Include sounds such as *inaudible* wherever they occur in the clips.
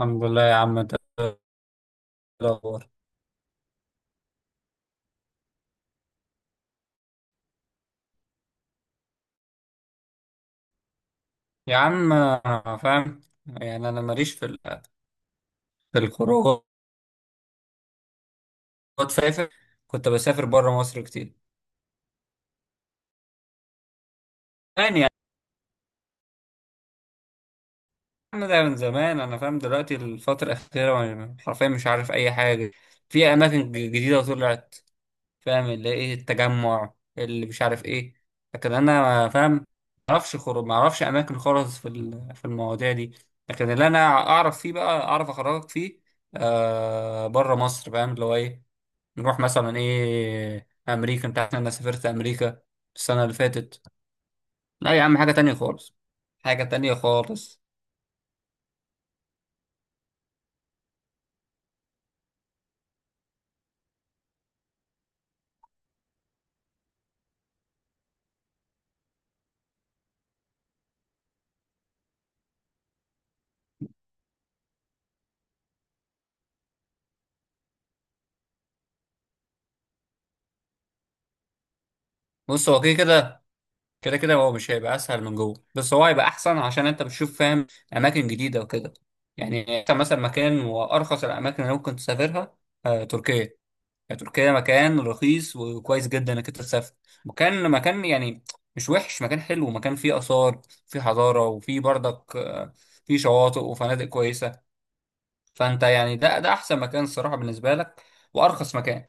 الحمد لله يا عم انت ايه الاخبار. يا عم فاهم. يعني انا ماليش في الخروجات. فاهم، كنت بسافر بره مصر كتير. يعني يا عم ده من زمان، انا فاهم دلوقتي الفتره الاخيره وانا حرفيا مش عارف اي حاجه. في اماكن جديده طلعت. فاهم اللي ايه، التجمع اللي مش عارف ايه. لكن انا فاهم، ما اعرفش خروج، ما اعرفش اماكن خالص في المواضيع دي. لكن اللي انا اعرف فيه بقى اعرف اخرجك فيه. آه بره مصر، فاهم اللي هو ايه، نروح مثلا ايه امريكا. انت عارف إن انا سافرت امريكا السنه اللي فاتت. لا يا عم، حاجه تانية خالص، حاجه تانية خالص. بص، هو كده كده، هو مش هيبقى اسهل من جوه، بس هو هيبقى احسن عشان انت بتشوف فاهم اماكن جديده وكده. يعني انت مثلا مكان، وارخص الاماكن اللي ممكن تسافرها، تركيا. يعني تركيا مكان رخيص وكويس جدا انك انت تسافر. مكان يعني مش وحش، مكان حلو، مكان فيه اثار، فيه حضاره، وفيه برضك فيه شواطئ وفنادق كويسه. فانت يعني ده احسن مكان الصراحه بالنسبه لك، وارخص مكان.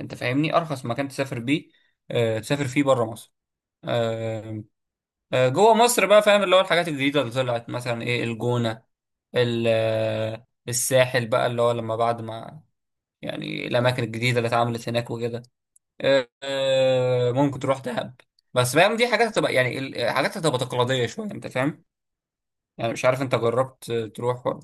انت فاهمني، ارخص مكان تسافر بيه، آه تسافر فيه بره مصر. آه. آه جوه مصر بقى، فاهم اللي هو الحاجات الجديده اللي طلعت مثلا، ايه الجونه، الساحل بقى، اللي هو لما بعد ما، يعني الاماكن الجديده اللي اتعملت هناك وكده. آه، ممكن تروح دهب. بس فاهم، دي حاجات هتبقى يعني حاجات هتبقى تقليديه شويه، انت فاهم. يعني مش عارف انت جربت تروح ولا.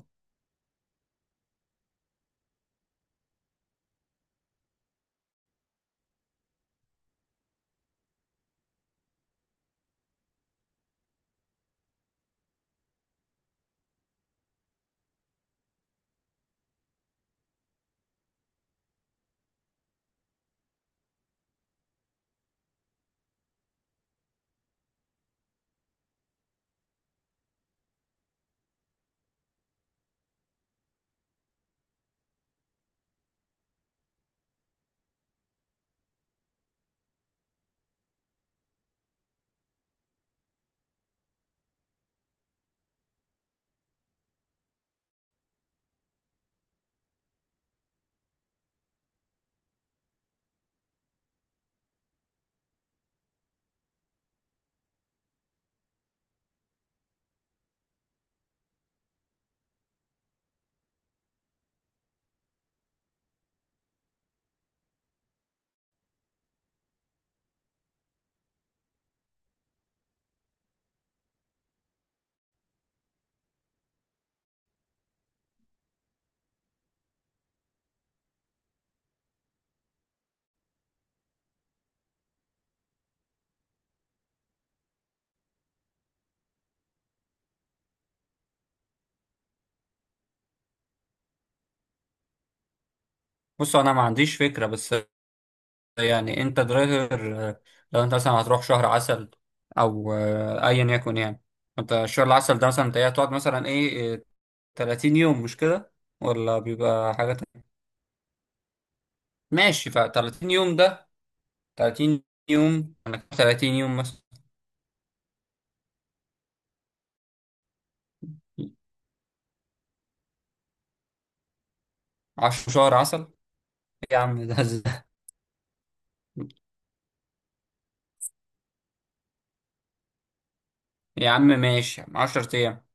بص انا ما عنديش فكره، بس يعني انت درايفر. لو انت مثلا هتروح شهر عسل، او ايا يكن يعني، انت شهر العسل ده مثلا انت ايه هتقعد، مثلا ايه 30 يوم مش كده؟ ولا بيبقى حاجة تانية. ماشي، ف 30 يوم ده. 30 يوم؟ انا 30 يوم مثلا؟ 10 شهر عسل إيه يا عم ده *laughs* ده- يا عم ماشي 10 ايام.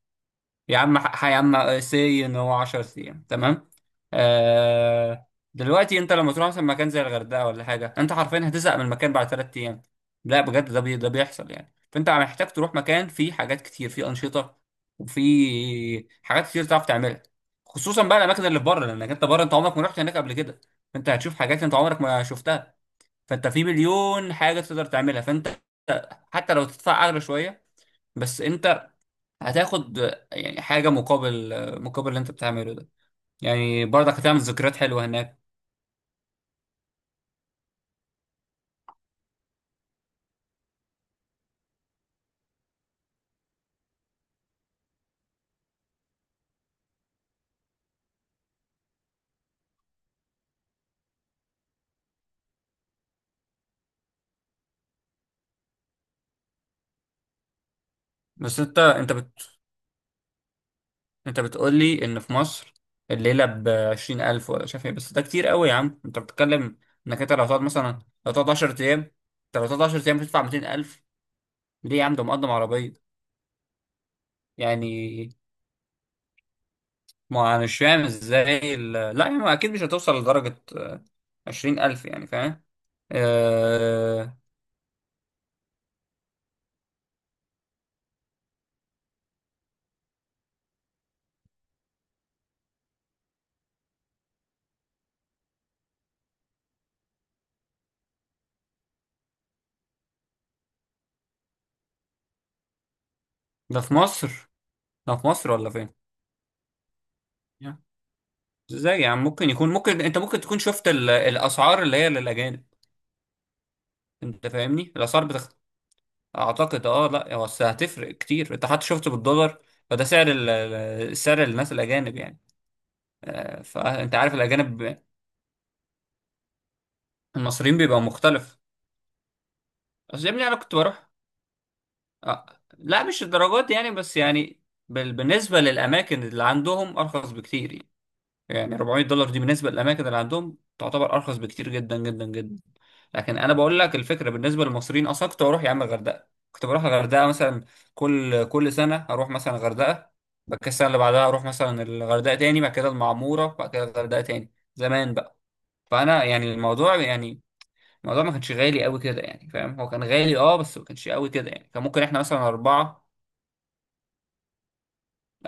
يا عم يا عم سي، ان هو 10 ايام تمام. آه. دلوقتي انت لما تروح مثلا مكان زي الغردقه ولا حاجه، انت حرفيا هتزهق من المكان بعد 3 ايام. لا بجد، ده بيحصل يعني. فانت محتاج تروح مكان فيه حاجات كتير، فيه انشطه، وفيه حاجات كتير تعرف تعملها. خصوصا بقى الاماكن اللي في بره، لانك انت بره انت عمرك ما رحت هناك قبل كده. فانت هتشوف حاجات انت عمرك ما شفتها. فانت في مليون حاجه تقدر تعملها. فانت حتى لو تدفع اغلى شويه، بس انت هتاخد يعني حاجة مقابل، اللي انت بتعمله ده. يعني برضك هتعمل ذكريات حلوة هناك. بس انت بتقول لي ان في مصر الليلة بعشرين ألف ولا شايف ايه؟ بس ده كتير قوي يا عم انت بتتكلم. انك انت لو هتقعد مثلا، لو هتقعد 10 ايام، انت لو هتقعد 10 ايام بتدفع 200 ألف؟ ليه يا عم، ده مقدم عربية يعني. ما انا مش فاهم ازاي لا يا عم اكيد مش هتوصل لدرجة عشرين ألف، يعني فاهم. آه، ده في مصر، ده في مصر ولا فين؟ ازاي يعني؟ ممكن يكون، ممكن انت ممكن تكون شفت الاسعار اللي هي للاجانب. انت فاهمني الاسعار اعتقد اه. لا هو بس هتفرق كتير، انت حتى شفته بالدولار. فده سعر سعر الناس الاجانب يعني. فانت عارف الاجانب، المصريين بيبقى مختلف. اصل يا ابني انا كنت بروح. آه. لا مش الدرجات دي يعني، بس يعني بالنسبة للاماكن اللي عندهم ارخص بكتير يعني. يعني $400 دي بالنسبة للأماكن اللي عندهم تعتبر أرخص بكتير جدا جدا جدا. لكن أنا بقول لك الفكرة بالنسبة للمصريين، أصلا كنت بروح يا عم الغردقة، كنت بروح الغردقة مثلا. كل سنة أروح مثلا الغردقة. بعد كده السنة اللي بعدها أروح مثلا الغردقة تاني، بعد كده المعمورة، بعد كده الغردقة تاني زمان بقى. فأنا يعني الموضوع يعني، الموضوع ما كانش غالي قوي كده يعني، فاهم هو كان غالي اه بس ما كانش قوي كده يعني. كان ممكن احنا مثلا أربعة.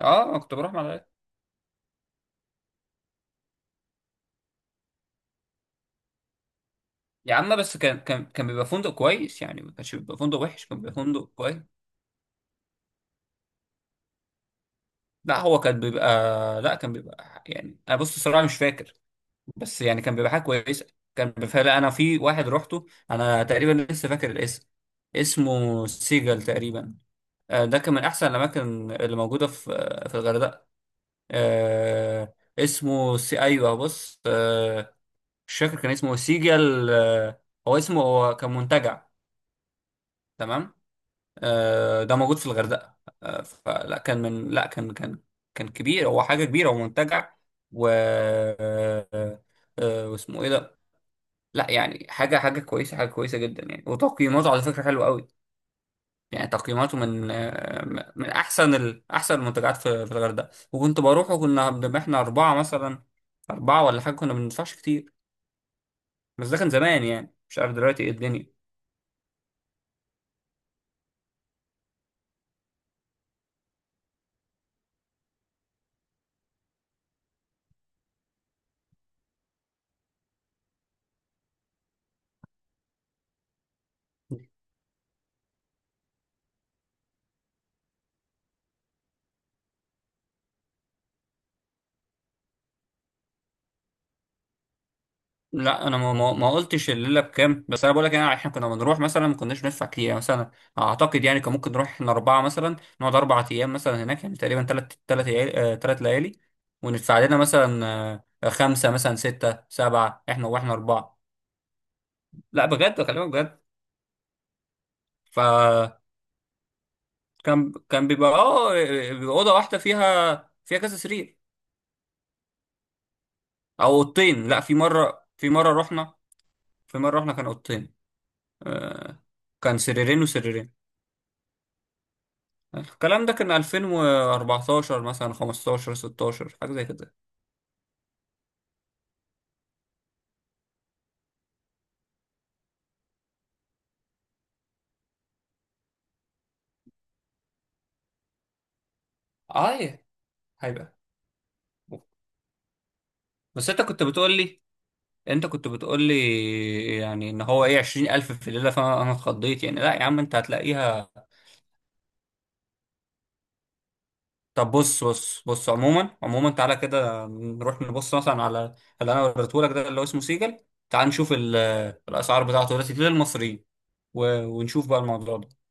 اه أنا كنت بروح مع الغردقة. يا عم بس كان بيبقى فندق كويس يعني، ما كانش بيبقى فندق وحش، كان بيبقى فندق كويس. لا هو كان بيبقى، لا كان بيبقى يعني انا، بص الصراحه مش فاكر، بس يعني كان بيبقى حاجه كويسه. كان فعلا، انا في واحد روحته انا تقريبا لسه فاكر الاسم، اسمه سيجل تقريبا. ده كان من احسن الاماكن اللي موجوده في الغردقه. آه، اسمه سي ايوه، بص، مش فاكر كان اسمه سيجل. هو اسمه، هو كان منتجع، تمام. ده موجود في الغردقة. آه، فلا كان من لا كان كان كان كبير، هو حاجة كبيرة ومنتجع و آه، آه، واسمه ايه ده. لا يعني حاجة، حاجة كويسة، حاجة كويسة جدا يعني، وتقييماته على فكرة حلوة قوي. يعني تقييماته من من احسن احسن المنتجعات في الغردقة، وكنت بروح وكنا بنبقى احنا أربعة مثلا، أربعة ولا حاجة، كنا ما بندفعش كتير. بس ده كان زمان يعني، مش عارف دلوقتي ايه الدنيا. لا انا ما قلتش الليله بكام. بس انا بقول لك يعني احنا كنا بنروح مثلا، ما كناش ندفع كتير يعني مثلا. اعتقد يعني كان ممكن نروح احنا اربعه مثلا، نقعد اربع ايام مثلا هناك، يعني تقريبا ثلاث ليالي، وندفع لنا مثلا خمسه مثلا، سته، سبعه، احنا واحنا اربعه. لا بجد بكلمك بجد. فكان، كان كان بيبقى اه، بيبقى اوضه واحده فيها، فيها كذا سرير. او اوضتين، لا في مره رحنا في مره رحنا كان اوضتين. آه، كان سريرين وسريرين. الكلام ده كان 2014 مثلا، 15، 16، حاجة زي كده. اه هيبقى. بس انت كنت بتقول لي، يعني ان هو ايه 20,000 في الليلة، فانا انا اتخضيت يعني. لا يا عم انت هتلاقيها. طب بص عموما، تعالى كده نروح نبص مثلا على اللي انا وريته لك ده اللي هو اسمه سيجل. تعال نشوف الاسعار بتاعته دلوقتي للمصريين، ونشوف بقى الموضوع ده.